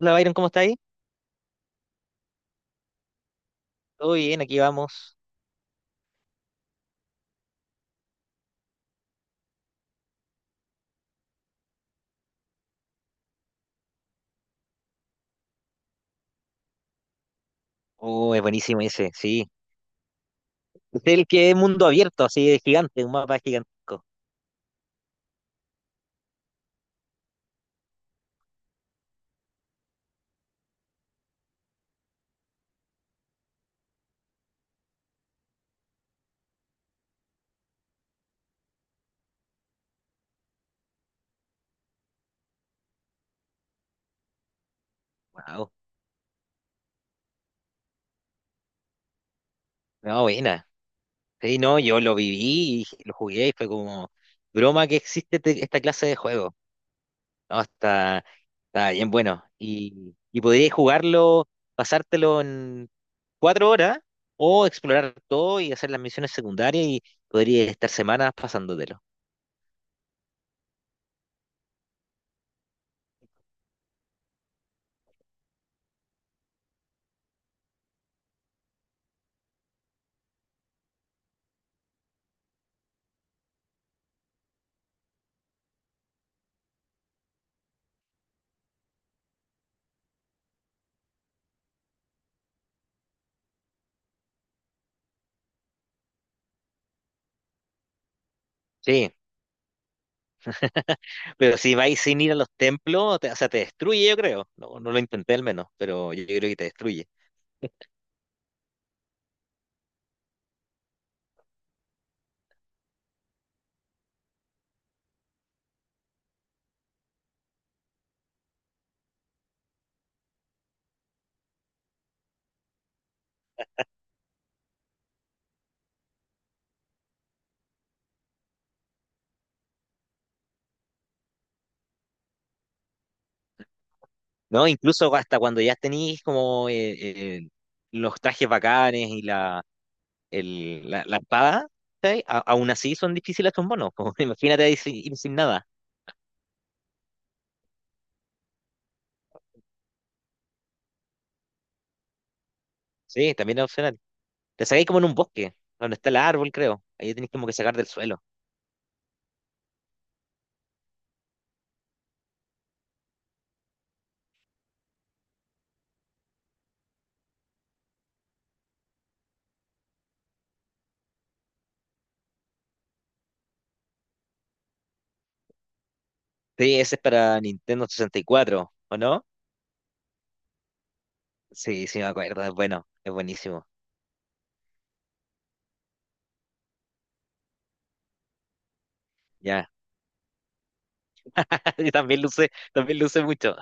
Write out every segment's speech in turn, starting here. Hola Byron, ¿cómo está ahí? Todo bien, aquí vamos. Oh, es buenísimo ese, sí. Es el que es mundo abierto, así de gigante, un mapa gigantesco. Wow. No, buena. Sí, no, yo lo viví y lo jugué y fue como broma que existe esta clase de juego. No, está, está bien bueno. Y podrías jugarlo, pasártelo en cuatro horas o explorar todo y hacer las misiones secundarias y podrías estar semanas pasándotelo. Sí. Pero si vais sin ir a los templos, o sea, te destruye, yo creo. No, no lo intenté al menos, pero yo creo que te destruye. ¿No? Incluso hasta cuando ya tenéis como eh, los trajes bacanes y la espada, ¿sí? Aún así son difíciles estos monos. Como, imagínate ir sin nada. Sí, también es opcional. Te sacáis como en un bosque, donde está el árbol, creo. Ahí tenéis como que sacar del suelo. Sí, ese es para Nintendo 64, ¿o no? Sí, sí, me acuerdo. Es bueno, es buenísimo. Ya, y también luce mucho.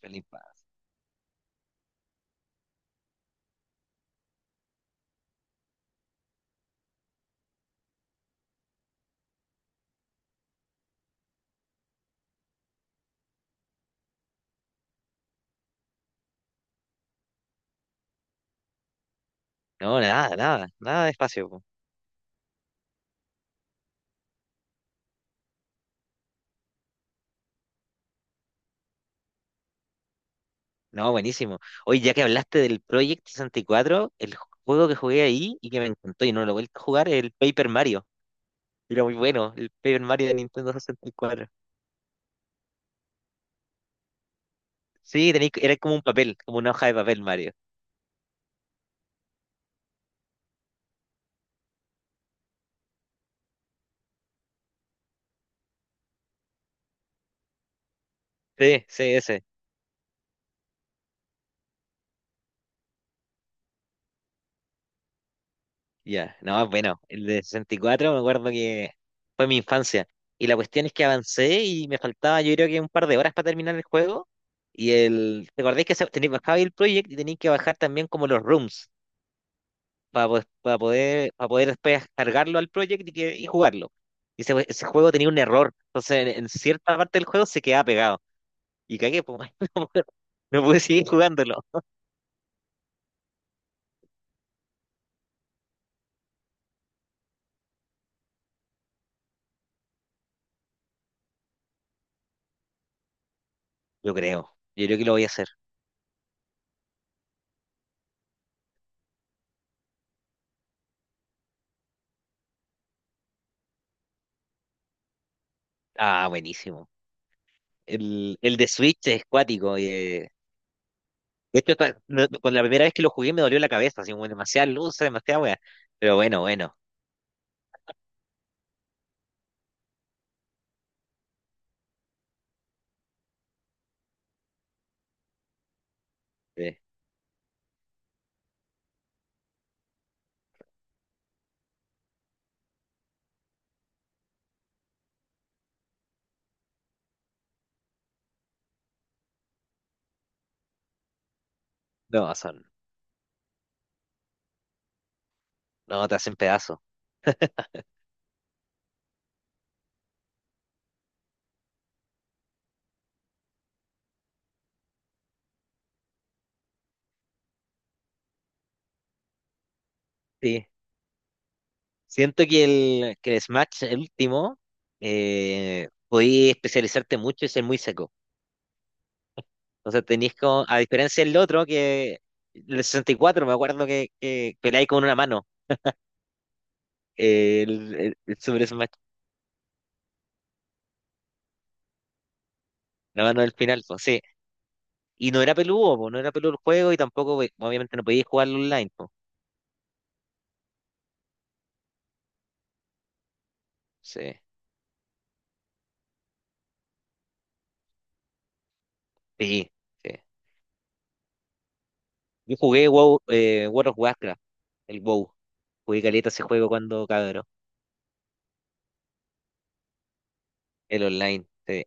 Felipa. No, nada, nada, nada de espacio. Po. No, buenísimo. Oye, ya que hablaste del Project 64, el juego que jugué ahí y que me encantó y no lo he vuelto a jugar es el Paper Mario. Era muy bueno, el Paper Mario de Nintendo sesenta y cuatro. Sí, tenía, era como un papel, como una hoja de papel, Mario. Sí, sí, ese. Ya, no, bueno, el de 64 me acuerdo que fue mi infancia. Y la cuestión es que avancé y me faltaba yo creo que un par de horas para terminar el juego. Y el, ¿te acordáis que tenéis bajaba ahí el Project y tenéis que bajar también como los rooms? Para poder después cargarlo al project y, y jugarlo. Y ese juego tenía un error, entonces en cierta parte del juego se quedaba pegado. Y cagué, pues, no no pude seguir jugándolo. Yo creo que lo voy a hacer. Ah, buenísimo. El de Switch es cuático. Y, de hecho, con la primera vez que lo jugué me dolió la cabeza, así como demasiada luz, demasiada wea. Pero bueno, bueno. eh, no, son, no, te hacen pedazo. Sí. Siento que el Smash, el último, podí especializarte mucho y ser muy seco. Entonces tenéis como, a diferencia del otro, que el 64 me acuerdo que peleáis con una mano, el, el Super Smash, la mano del final, pues sí. Y no era peludo, po, no era peludo el juego y tampoco, pues, obviamente, no podíais jugarlo online, pues. Sí, sí, sí. Yo jugué WoW, World of Warcraft, el WoW. Jugué caleta ese juego cuando cabrón, el online. Sí.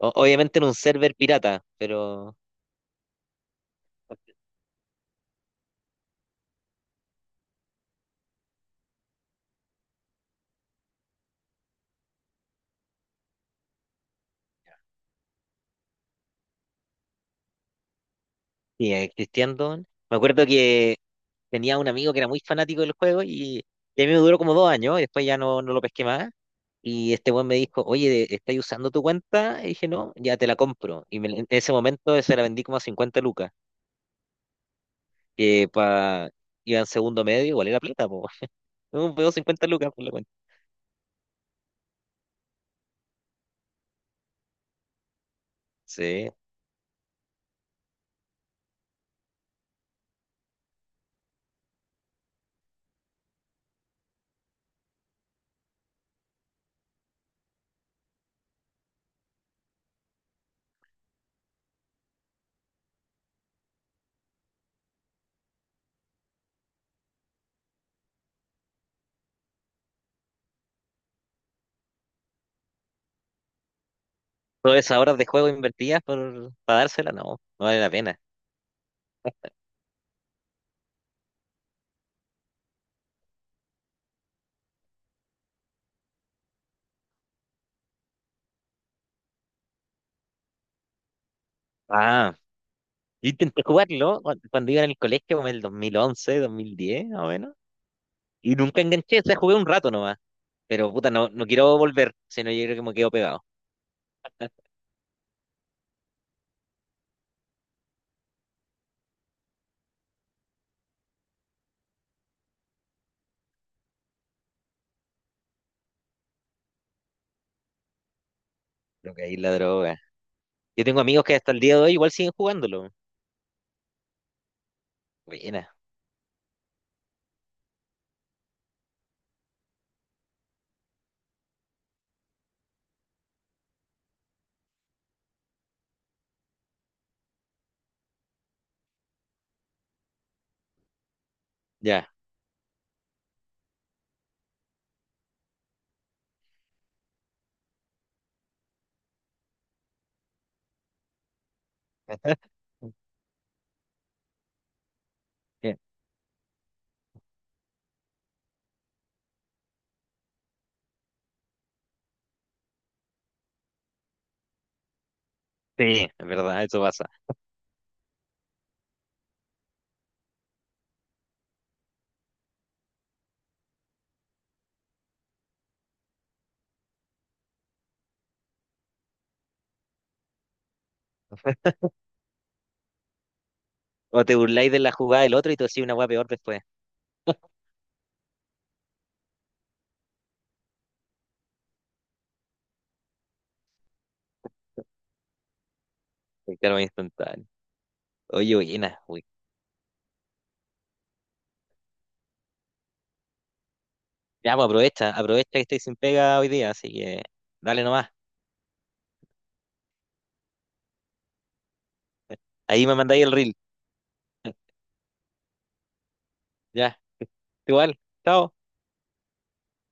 O- obviamente en un server pirata, pero sí, Christian Dawn. Me acuerdo que tenía un amigo que era muy fanático del juego y a mí me duró como dos años y después ya no, no lo pesqué más. Y este weón me dijo, oye, ¿estáis usando tu cuenta? Y dije, no, ya te la compro. En ese momento se la vendí como a 50 lucas, que para iba en segundo medio, igual era plata, po. Me pegó 50 lucas por la cuenta. Sí. Todas esas horas de juego invertidas por, para dársela, no, no vale la pena. Ah, yo intenté jugarlo cuando iba en el colegio, como en el 2011, 2010, más o menos. Y nunca enganché, o sea, jugué un rato nomás. Pero puta, no, no quiero volver, sino yo creo que me quedo pegado. Creo que ahí la droga. Yo tengo amigos que hasta el día de hoy igual siguen jugándolo. Buena, ya. Sí, es verdad, eso pasa. O te burláis de la jugada del otro y te decís una hueá peor después. Porque claro, es instantáneo. Oye, buena, uy. Ya, pues aprovecha, aprovecha que estoy sin pega hoy día, así que dale nomás. Ahí me mandáis el reel. Ya, igual, chao.